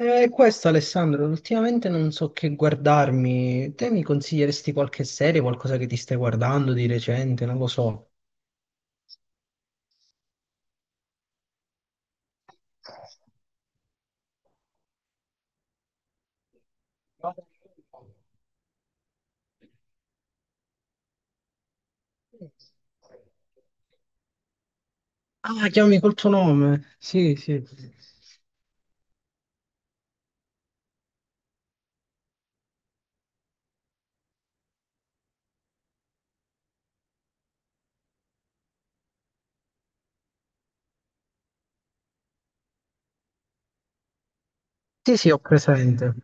Questo Alessandro, ultimamente non so che guardarmi. Te mi consiglieresti qualche serie, qualcosa che ti stai guardando di recente? Non lo so. Ah, chiami col tuo nome. Sì, sì. Sì, sì, ho presente.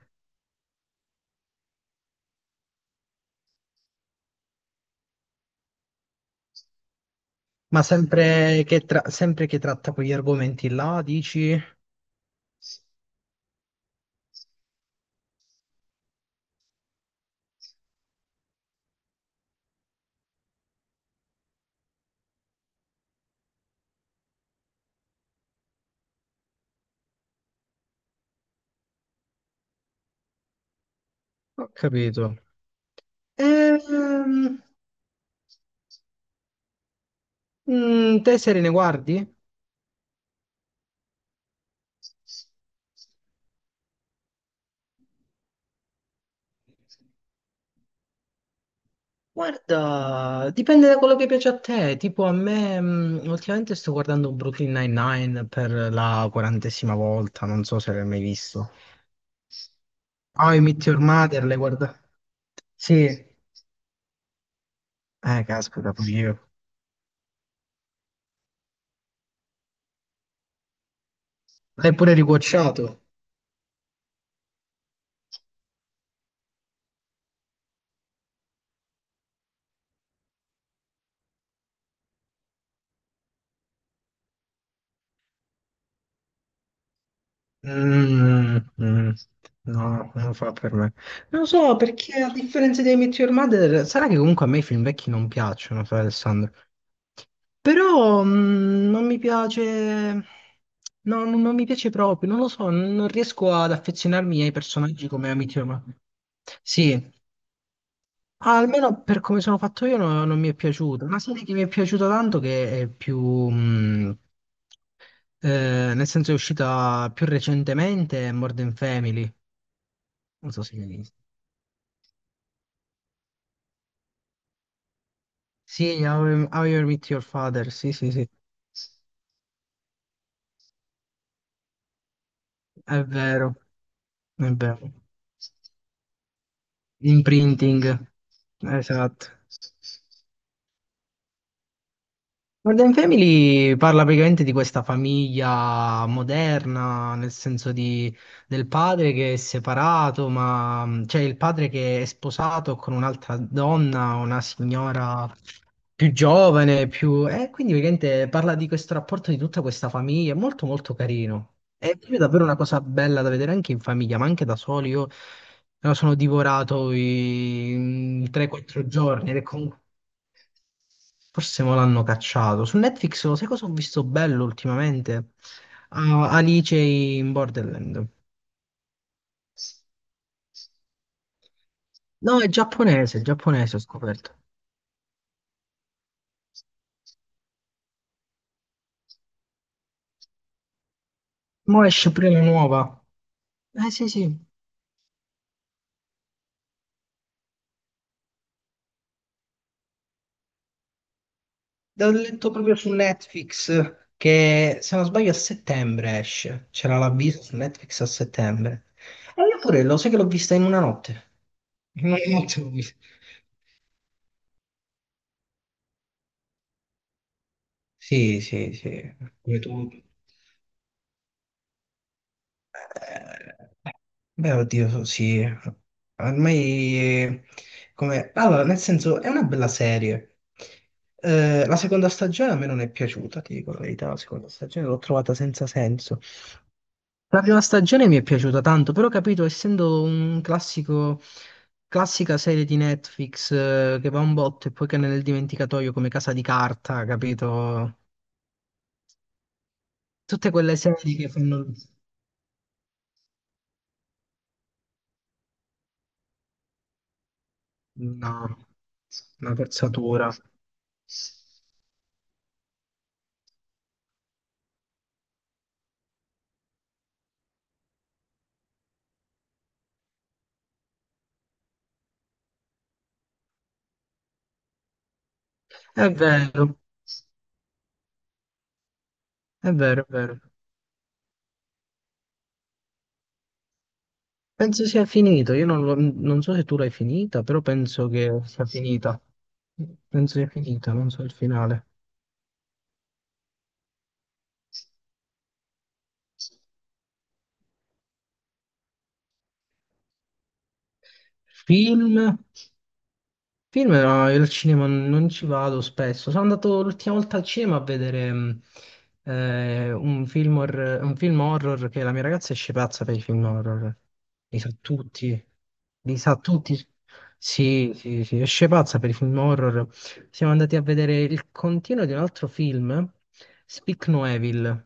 Ma sempre che, sempre che tratta quegli argomenti là, dici? Ho capito. Ehm, Te serie ne guardi? Guarda, dipende da quello che piace a te. Tipo a me, ultimamente sto guardando Brooklyn Nine-Nine per la quarantesima volta, non so se l'hai mai visto. Ah, I Meet Your Mother, l'hai guardato? Sì. Caspita, pure io. L'hai pure riguacciato? Mm. No, no, non lo fa per me. Non lo so, perché a differenza di I Met Your Mother, sarà che comunque a me i film vecchi non piacciono, fra Alessandro. Però non mi piace, no, non mi piace proprio, non lo so, non riesco ad affezionarmi ai personaggi come a Meteor Man. Sì, almeno per come sono fatto io non mi è piaciuto. Una serie che mi è piaciuta tanto che è mm, nel senso è uscita più recentemente, è Modern Family. Non so se l'hai visto. Sì, How I Met Your Father, sì, sì, sì, è vero, è vero. Imprinting, esatto. Modern Family parla praticamente di questa famiglia moderna, nel senso di, del padre che è separato, ma cioè il padre che è sposato con un'altra donna, una signora più giovane, più... E quindi praticamente parla di questo rapporto di tutta questa famiglia, è molto molto carino. È proprio davvero una cosa bella da vedere anche in famiglia, ma anche da soli. Io me lo sono divorato in 3-4 giorni ed è comunque... Forse me l'hanno cacciato. Su Netflix, lo sai cosa ho visto bello ultimamente? Ah, Alice in Borderland. No, è giapponese, ho scoperto. Mo' esce pure la nuova. Eh sì, sì. L'ho letto proprio su Netflix che, se non sbaglio, a settembre esce. C'era l'avviso su Netflix a settembre. E io pure lo sai che l'ho vista in una notte. In una notte l'ho vista. Sì, sì, sì. Come tu. Eh, Beh, oddio, sì. Ormai, come... Allora, nel senso, è una bella serie. La seconda stagione a me non è piaciuta, ti dico la verità. La seconda stagione l'ho trovata senza senso. La prima stagione mi è piaciuta tanto, però ho capito, essendo un classico, classica serie di Netflix che va un botto e poi che è nel dimenticatoio come Casa di Carta, capito? Tutte quelle serie che fanno una, una forzatura. È vero, è vero, è vero. Penso sia finito, io non, lo- non so se tu l'hai finita, però penso che sia finita. Penso sia finita, non so il finale. Film? Film, no, io al cinema non ci vado spesso. Sono andato l'ultima volta al cinema a vedere un film horror che la mia ragazza esce pazza per i film horror. Li sa tutti, li sa tutti. Sì, sì, sì, esce pazza per i film horror. Siamo andati a vedere il continuo di un altro film, Speak No Evil.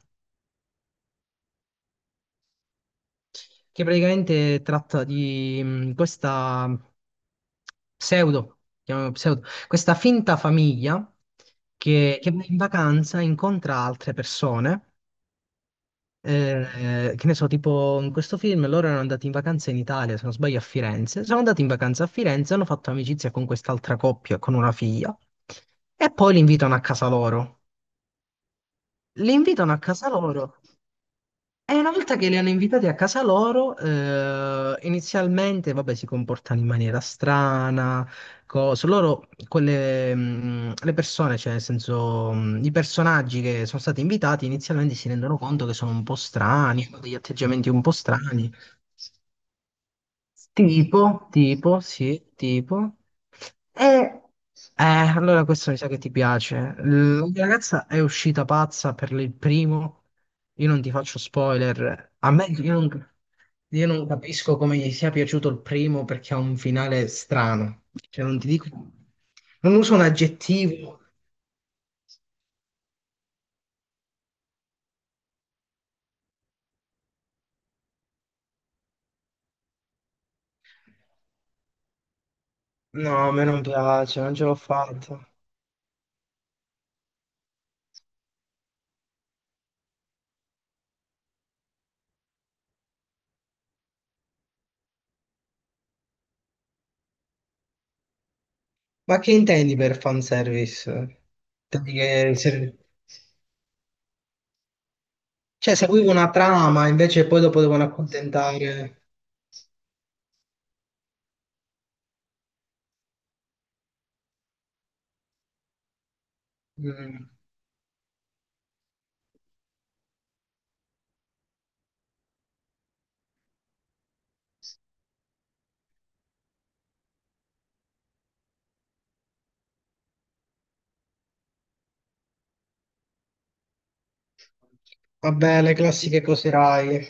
Che praticamente tratta di questa pseudo, chiamiamola pseudo, questa finta famiglia che va in vacanza incontra altre persone. Che ne so, tipo in questo film loro erano andati in vacanza in Italia, se non sbaglio a Firenze. Sono andati in vacanza a Firenze, hanno fatto amicizia con quest'altra coppia, con una figlia, e poi li invitano a casa loro. Li invitano a casa loro. E una volta che li hanno invitati a casa loro, inizialmente, vabbè, si comportano in maniera strana, cose. Loro, quelle, le persone, cioè, nel senso, i personaggi che sono stati invitati, inizialmente si rendono conto che sono un po' strani, hanno degli atteggiamenti un po' strani. Tipo, tipo, sì, tipo. E allora questo mi sa che ti piace. La mia ragazza è uscita pazza per il primo. Io non ti faccio spoiler. A me io non, Io non capisco come gli sia piaciuto il primo perché ha un finale strano. Cioè, non ti dico. Non uso un aggettivo. No, a me non piace, non ce l'ho fatta. Ma che intendi per fanservice? Intendi che serve. Cioè, seguivo una trama, invece poi dopo devono accontentare. Mm, Vabbè, le classiche cose Rai.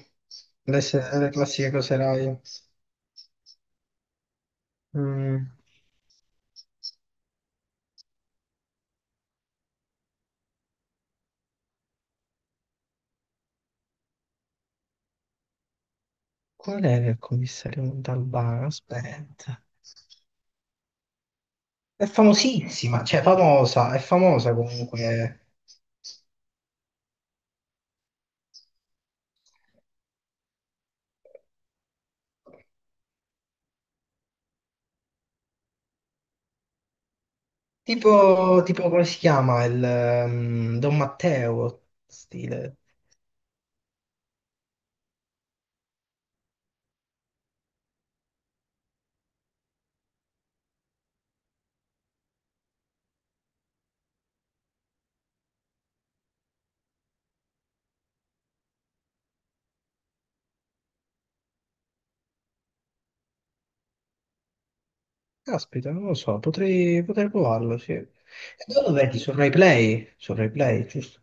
Le, se- Le classiche cose Rai. Mm, Qual era il commissario Montalbano? Aspetta. È famosissima, cioè famosa, è famosa comunque. Tipo, tipo come si chiama il Don Matteo stile. Caspita, non lo so, potrei, potrei provarlo, sì. E dove lo vedi? Su Rai Play? Su Rai Play, giusto?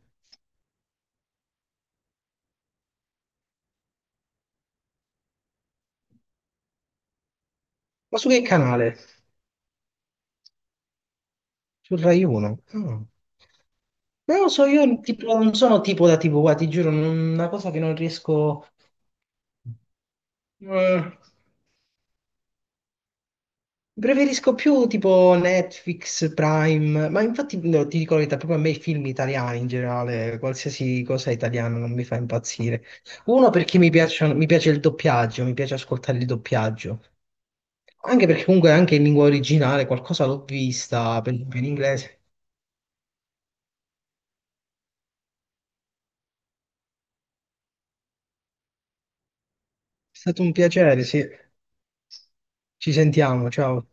Ma su che canale? Su Rai 1? Ah. Non lo so, io tipo, non sono tipo da tipo, guarda, ti giuro, una cosa che non riesco... Mm. Preferisco più tipo Netflix, Prime, ma infatti no, ti dico la verità, proprio a me i film italiani in generale, qualsiasi cosa italiana non mi fa impazzire. Uno perché mi piace il doppiaggio, mi piace ascoltare il doppiaggio. Anche perché comunque anche in lingua originale qualcosa l'ho vista, per esempio in inglese. Stato un piacere, sì. Ci sentiamo, ciao.